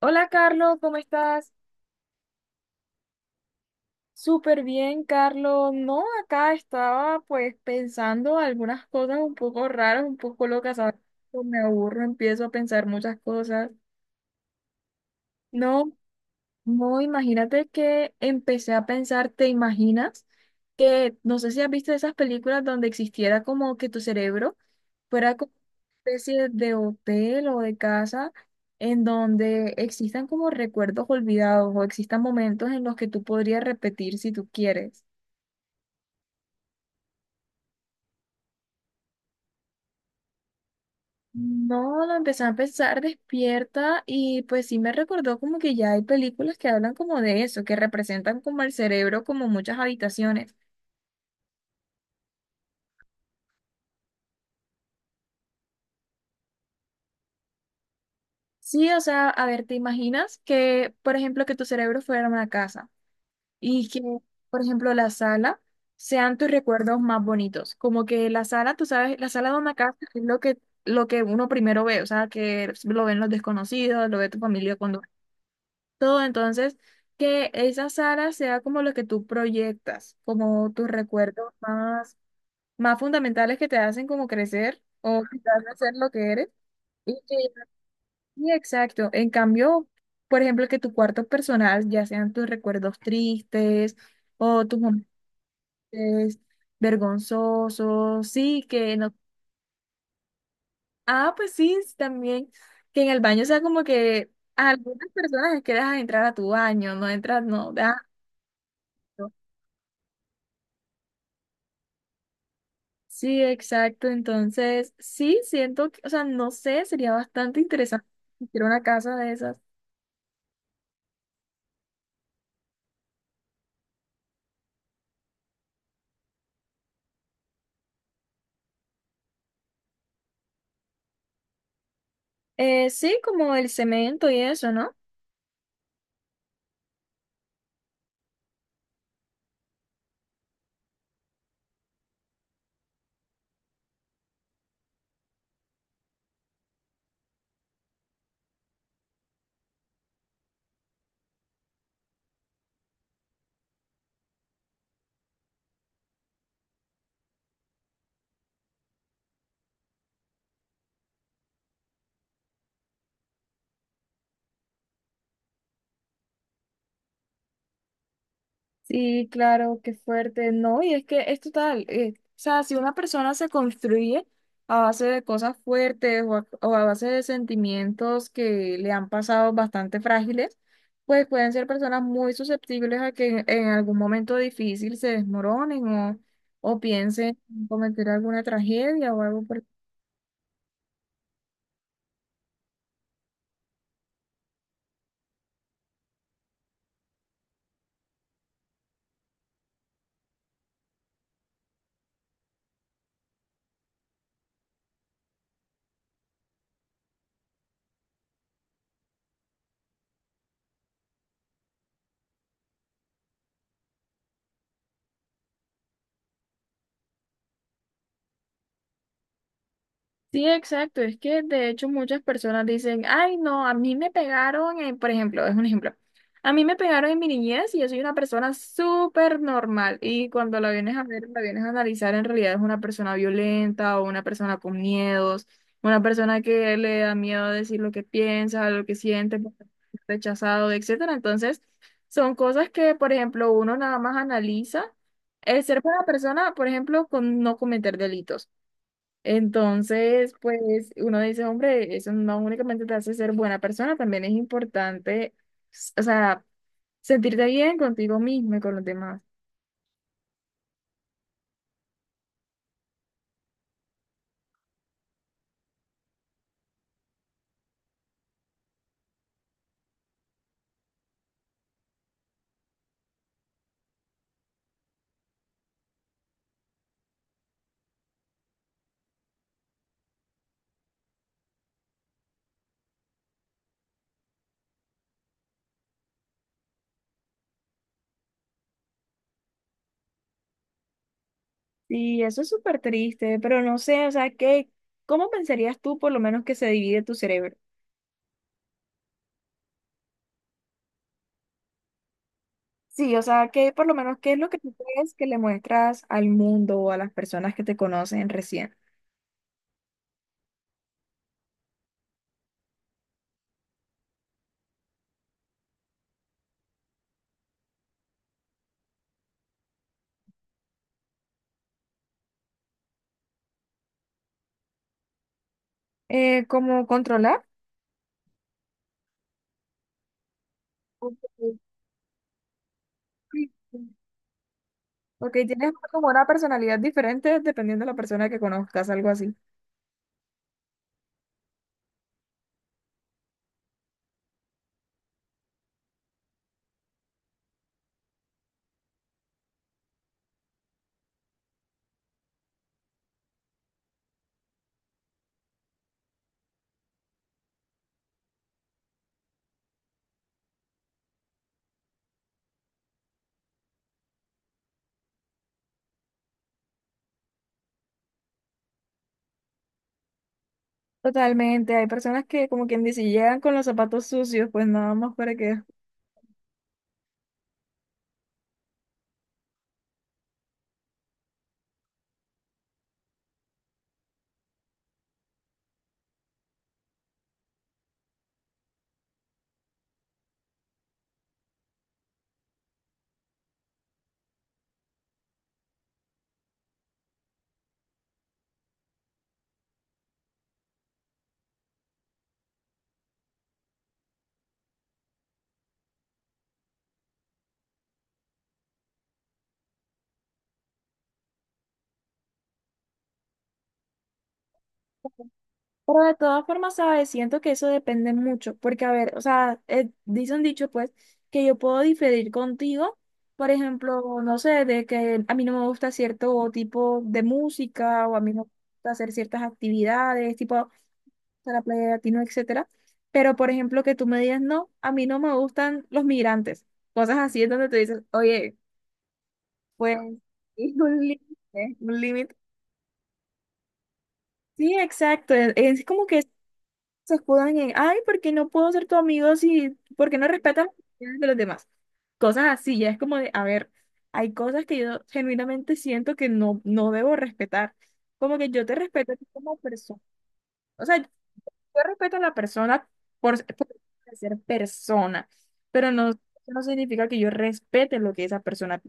Hola Carlos, ¿cómo estás? Súper bien, Carlos. No, acá estaba, pues, pensando algunas cosas un poco raras, un poco locas, ¿sabes? Me aburro, empiezo a pensar muchas cosas. No, No, imagínate que empecé a pensar, ¿te imaginas? Que no sé si has visto esas películas donde existiera como que tu cerebro fuera como una especie de hotel o de casa en donde existan como recuerdos olvidados o existan momentos en los que tú podrías repetir si tú quieres. No, lo empecé a pensar despierta y pues sí me recordó como que ya hay películas que hablan como de eso, que representan como el cerebro como muchas habitaciones. Sí, o sea, a ver, ¿te imaginas que, por ejemplo, que tu cerebro fuera una casa y que, por ejemplo, la sala sean tus recuerdos más bonitos? Como que la sala, tú sabes, la sala de una casa es lo que uno primero ve, o sea, que lo ven los desconocidos, lo ve tu familia cuando todo, entonces, que esa sala sea como lo que tú proyectas, como tus recuerdos más, más fundamentales que te hacen como crecer o que te hacen ser lo que eres. Sí, exacto. En cambio, por ejemplo, que tu cuarto personal, ya sean tus recuerdos tristes o tus momentos vergonzosos, sí, que no. Ah, pues sí, sí, también. Que en el baño sea como que a algunas personas es que dejas entrar a tu baño, no entras, no, dejas. No. Sí, exacto. Entonces, sí, siento que, o sea, no sé, sería bastante interesante ir una casa de esas. Sí, como el cemento y eso, ¿no? Sí, claro, qué fuerte. No, y es que es total. O sea, si una persona se construye a base de cosas fuertes o a base de sentimientos que le han pasado bastante frágiles, pues pueden ser personas muy susceptibles a que en algún momento difícil se desmoronen o piensen en cometer alguna tragedia o algo por. Sí, exacto. Es que de hecho muchas personas dicen, ay, no, a mí me pegaron, en-, por ejemplo, es un ejemplo. A mí me pegaron en mi niñez y yo soy una persona súper normal. Y cuando la vienes a ver, la vienes a analizar, en realidad es una persona violenta o una persona con miedos, una persona que le da miedo decir lo que piensa, lo que siente, porque es rechazado, etcétera. Entonces, son cosas que, por ejemplo, uno nada más analiza el ser buena persona, por ejemplo, con no cometer delitos. Entonces, pues uno dice, hombre, eso no únicamente te hace ser buena persona, también es importante, o sea, sentirte bien contigo mismo y con los demás. Y eso es súper triste, pero no sé, o sea, ¿qué, cómo pensarías tú por lo menos que se divide tu cerebro? Sí, o sea, ¿qué por lo menos qué es lo que tú crees que le muestras al mundo o a las personas que te conocen recién? ¿Cómo controlar? Ok, sí. Ok, tienes como una personalidad diferente dependiendo de la persona que conozcas, algo así. Totalmente, hay personas que, como quien dice, llegan con los zapatos sucios, pues nada más para que... Pero de todas formas, ¿sabes? Siento que eso depende mucho, porque a ver, o sea, dice un dicho, pues, que yo puedo diferir contigo, por ejemplo, no sé, de que a mí no me gusta cierto tipo de música o a mí no me gusta hacer ciertas actividades, tipo ir a la playa de latino, etcétera. Pero, por ejemplo, que tú me digas, no, a mí no me gustan los migrantes, cosas así es donde te dices, oye, pues... es un límite, un límite. Sí, exacto. Es como que se escudan en, ay, ¿por qué no puedo ser tu amigo si, por qué no respetas las opiniones de los demás? Cosas así, ya es como de, a ver, hay cosas que yo genuinamente siento que no, no debo respetar. Como que yo te respeto a ti como persona. O sea, yo respeto a la persona por ser persona, pero no, eso no significa que yo respete lo que esa persona.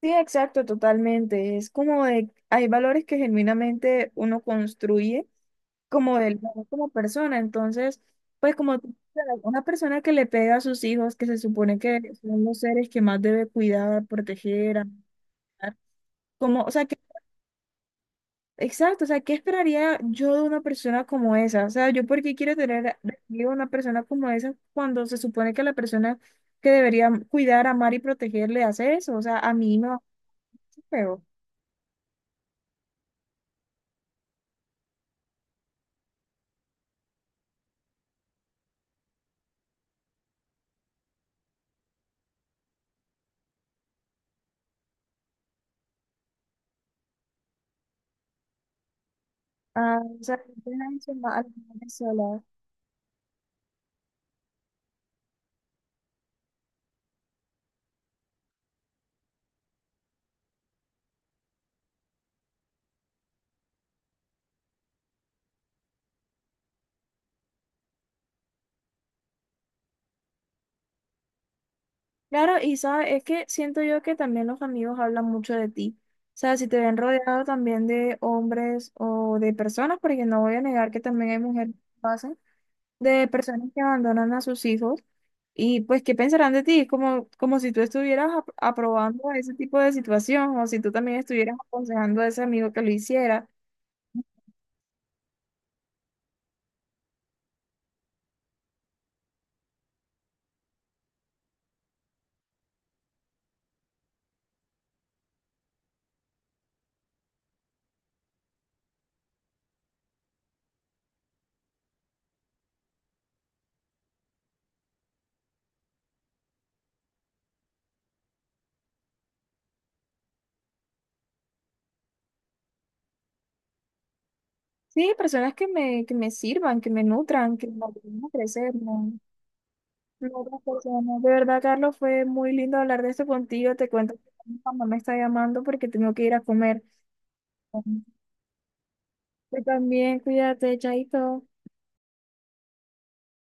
Sí, exacto, totalmente. Es como de, hay valores que genuinamente uno construye como del valor como persona. Entonces, pues como tú sabes, una persona que le pega a sus hijos, que se supone que son los seres que más debe cuidar, proteger, amar, como, o sea, que, exacto, o sea, ¿qué esperaría yo de una persona como esa? O sea, yo por qué quiero tener a, digo, una persona como esa cuando se supone que la persona que debería cuidar, amar y proteger le hace eso. O sea, a mí me va a hacer feo. Ah, o sea, dejan eso más a las mujeres solas. Claro, y sabes, es que siento yo que también los amigos hablan mucho de ti. O sea, si te ven rodeado también de hombres o de personas, porque no voy a negar que también hay mujeres que lo hacen, de personas que abandonan a sus hijos, y pues, ¿qué pensarán de ti? Es como, como si tú estuvieras aprobando ese tipo de situación, o si tú también estuvieras aconsejando a ese amigo que lo hiciera. Sí, personas que me sirvan, que me nutran, que me ayuden a crecer, ¿no? Claro, Tatiana. De verdad, Carlos, fue muy lindo hablar de esto contigo. Te cuento que mi mamá me está llamando porque tengo que ir a comer. Tú también, cuídate, chaito.